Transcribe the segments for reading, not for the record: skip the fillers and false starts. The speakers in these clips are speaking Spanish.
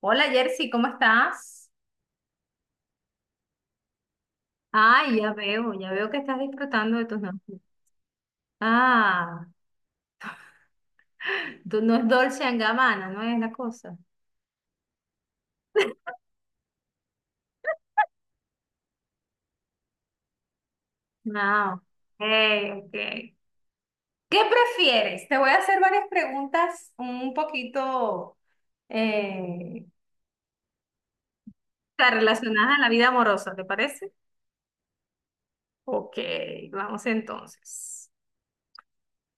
Hola Jersey, ¿cómo estás? Ay, ya veo que estás disfrutando de tus noches. Ah, no es Dolce and Gabbana, no es la cosa. No. Hey, ok. ok. ¿Qué prefieres? Te voy a hacer varias preguntas un poquito eh, relacionadas a la vida amorosa, ¿te parece? Ok, vamos entonces.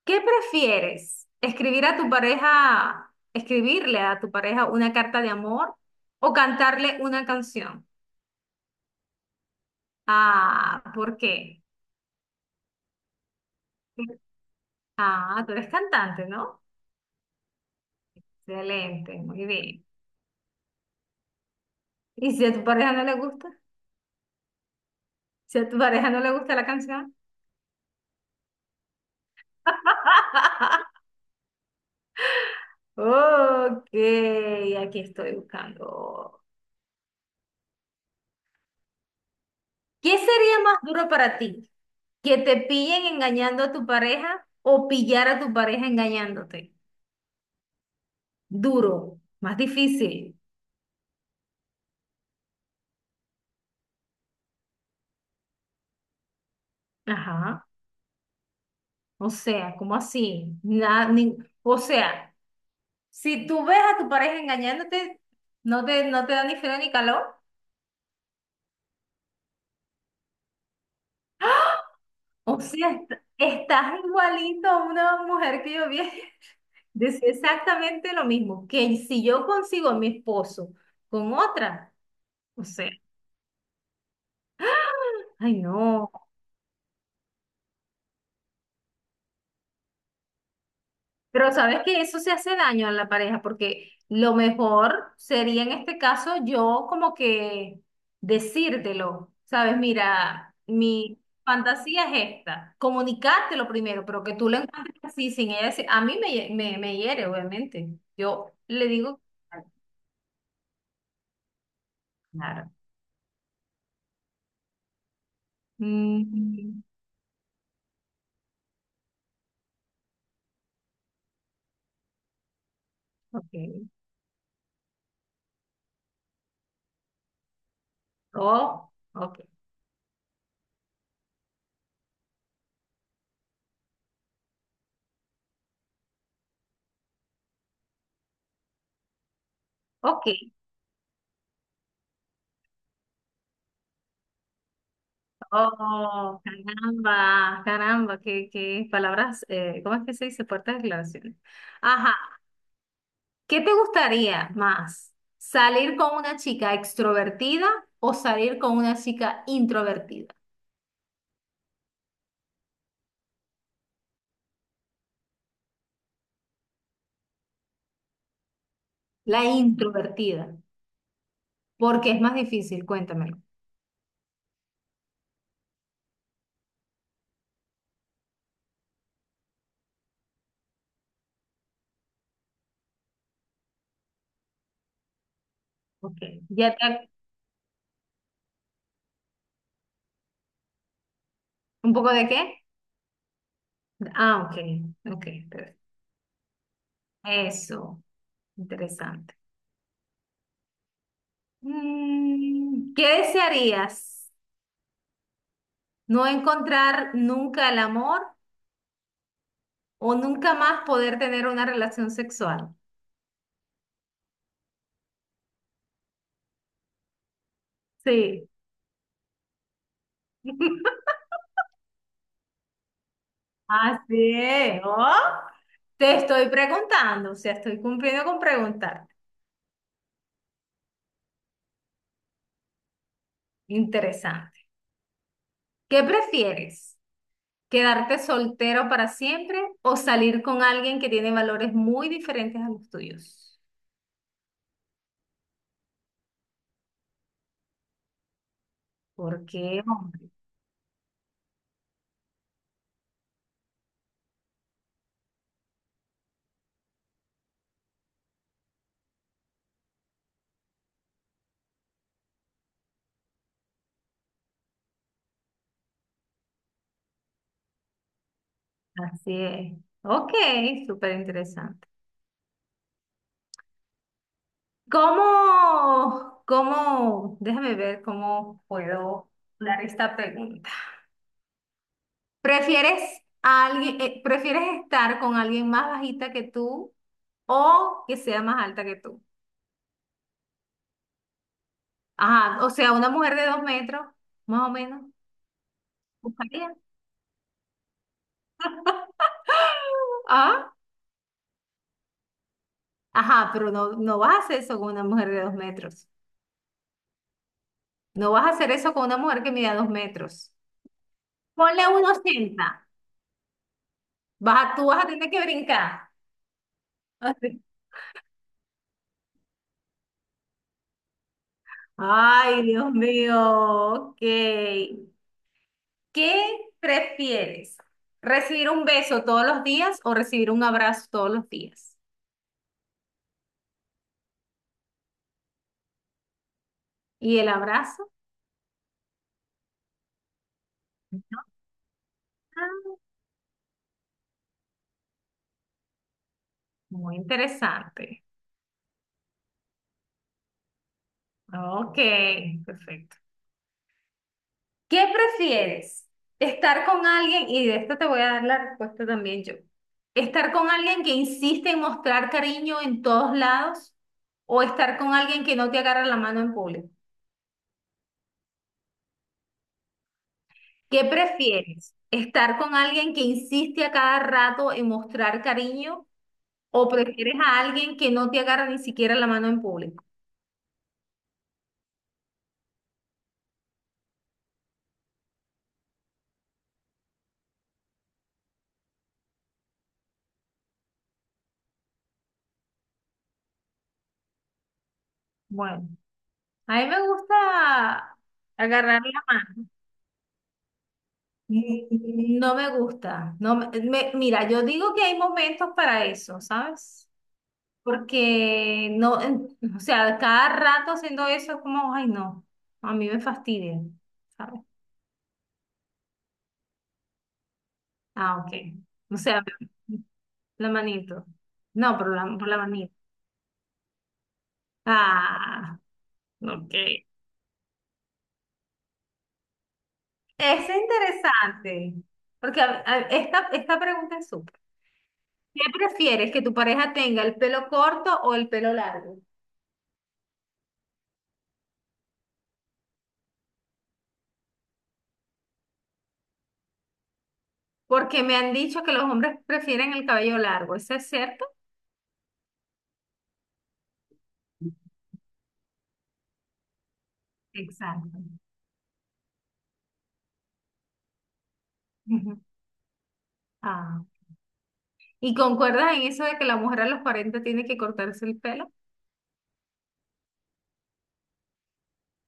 ¿Qué prefieres? ¿ escribirle a tu pareja una carta de amor o cantarle una canción? Ah, ¿por qué? Ah, tú eres cantante, ¿no? Excelente, muy bien. ¿Y si a tu pareja no le gusta? Si a tu pareja no le gusta la canción. Ok, aquí estoy buscando. ¿Qué sería más duro para ti? ¿Que te pillen engañando a tu pareja o pillar a tu pareja engañándote? Duro, más difícil. Ajá. O sea, ¿cómo así? Nada, o sea, si tú ves a tu pareja engañándote, no te da ni frío ni calor. O sea, estás igualito a una mujer que yo vi. Decía exactamente lo mismo, que si yo consigo a mi esposo con otra, o sea, ay no. Pero sabes que eso se hace daño a la pareja, porque lo mejor sería en este caso yo como que decírtelo, ¿sabes? Mira, mi fantasía es esta, comunicártelo primero, pero que tú lo encuentres así sin ella decir, a mí me hiere, obviamente. Yo le digo, claro. Mm, ok, oh, ok, ok. Oh, caramba, caramba, qué palabras, ¿cómo es que se dice? Fuertes declaraciones. Ajá, ¿qué te gustaría más? ¿Salir con una chica extrovertida o salir con una chica introvertida? La introvertida, porque es más difícil, cuéntamelo. Ok, ¿ya te... ¿Un poco de qué? Ah, ok, ok, perfecto. Eso, interesante. Mm, ¿qué desearías? ¿No encontrar nunca el amor? O nunca más poder tener una relación sexual. Sí. Así es. ¿Oh? Te estoy preguntando, o sea, estoy cumpliendo con preguntarte. Interesante. ¿Qué prefieres? ¿Quedarte soltero para siempre o salir con alguien que tiene valores muy diferentes a los tuyos? ¿Por qué, hombre? Así es. Ok, súper interesante. ¿ déjame ver cómo puedo dar esta pregunta? ¿ prefieres estar con alguien más bajita que tú o que sea más alta que tú? Ajá, o sea, una mujer de dos metros, más o menos, buscaría. Ah, ajá, pero no vas a hacer eso con una mujer de dos metros. No vas a hacer eso con una mujer que mida dos metros. Ponle uno 80. Tú vas a tener que brincar. Así. Ay, Dios mío, ok. ¿Qué prefieres? ¿Recibir un beso todos los días o recibir un abrazo todos los días? ¿Y el abrazo? Ah, muy interesante. Ok, perfecto. ¿Qué prefieres? ¿Estar con alguien? Y de esto te voy a dar la respuesta también yo. ¿Estar con alguien que insiste en mostrar cariño en todos lados o estar con alguien que no te agarra la mano en público? ¿Qué prefieres? ¿Estar con alguien que insiste a cada rato en mostrar cariño? ¿O prefieres a alguien que no te agarra ni siquiera la mano en público? Bueno, a mí me gusta agarrar la mano. Mm, no me gusta. No me- me- mira, yo digo que hay momentos para eso, ¿sabes? Porque no, o sea, cada rato haciendo eso es como, ay, no, a mí me fastidia, ¿sabes? Ah, ok. O sea, la manito. No, pero la, por la manito. Ah, ok. Es interesante, porque esta pregunta es súper. ¿Qué prefieres, que tu pareja tenga el pelo corto o el pelo largo? Porque me han dicho que los hombres prefieren el cabello largo, ¿eso es cierto? Exacto. Ujú. Ah, ¿y concuerdas en eso de que la mujer a los 40 tiene que cortarse el pelo?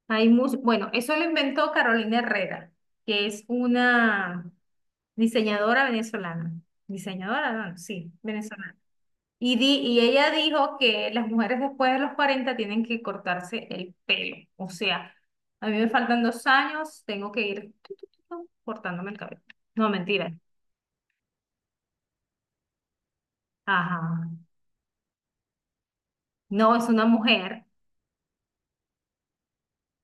Hay mucho, bueno, eso lo inventó Carolina Herrera, que es una diseñadora venezolana. Diseñadora, no, sí, venezolana. Y ella dijo que las mujeres después de los 40 tienen que cortarse el pelo. O sea, a mí me faltan dos años, tengo que ir cortándome el cabello. No, mentira. Ajá. No, es una mujer.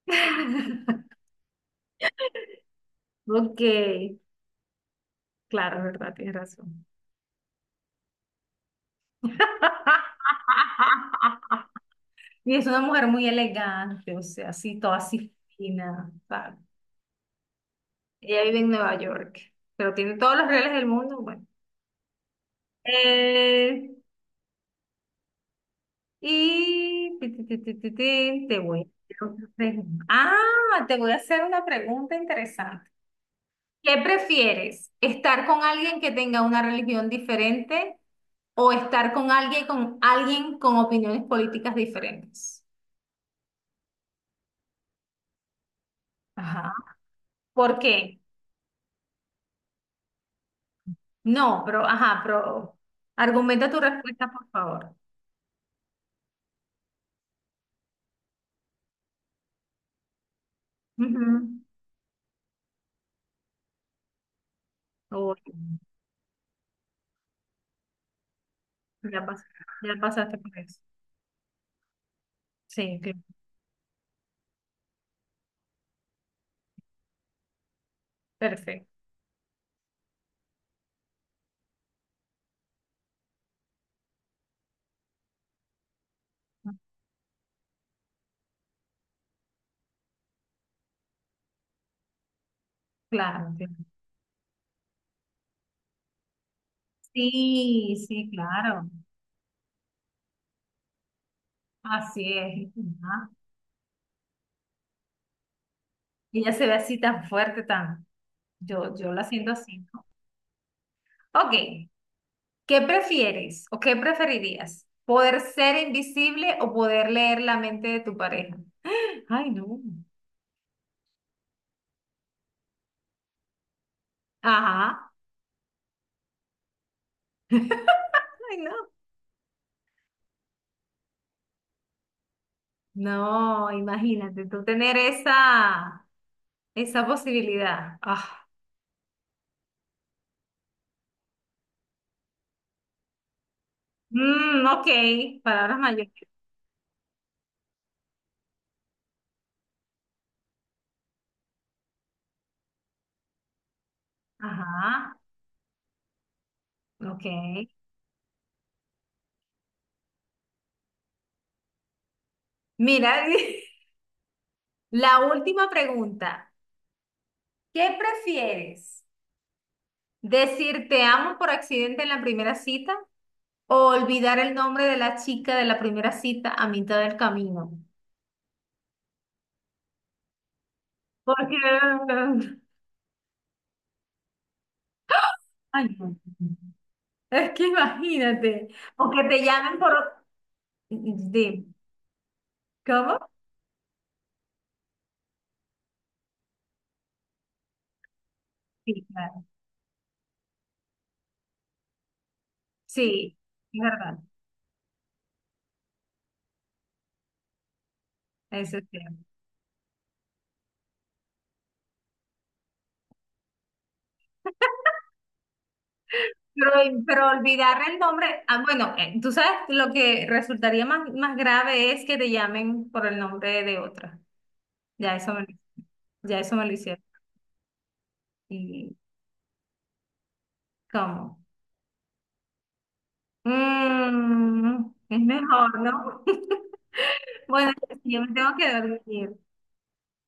Ok, claro, verdad, tienes razón. Y es una mujer muy elegante, o sea, así, toda así fina, ¿sabes? Ella vive en Nueva York, pero tiene todos los reales del mundo, bueno. Eh, y te voy a hacer otra pregunta. Ah, te voy a hacer una pregunta interesante. ¿Qué prefieres? ¿Estar con alguien que tenga una religión diferente o estar con alguien con opiniones políticas diferentes? Ajá. ¿Por qué? No, pero, ajá, pero argumenta tu respuesta, por favor. Ujú. Oh, ya pas- ya pasaste por eso. Sí, claro. Perfecto. Claro. Claro. Sí, sí, claro. Así es. Ajá. Ella se ve así tan fuerte, tan... Yo la siento así, ¿no? Ok, ¿qué prefieres o qué preferirías? ¿Poder ser invisible o poder leer la mente de tu pareja? Ay, no. Ajá. Ay, no. No, imagínate tú tener esa posibilidad. Ah. Mm, ok, palabras mayores. Ajá, ok. Mira, la última pregunta. ¿Qué prefieres? ¿Decir te amo por accidente en la primera cita o olvidar el nombre de la chica de la primera cita a mitad del camino? Porque... Ay, no. Es que imagínate. O que te llamen por... de- ¿Cómo? Sí, claro. Sí, es verdad. Eso es cierto. Pero, pero olvidar el nombre, ah, bueno, tú sabes, lo que resultaría más grave es que te llamen por el nombre de otra. Ya eso me, ya eso me lo hicieron. ¿Y cómo? Mm, es mejor, ¿no? Bueno, yo me tengo que dormir.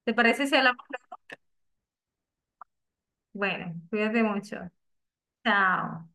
¿Te parece si hablamos? Bueno, cuídate mucho. Chao.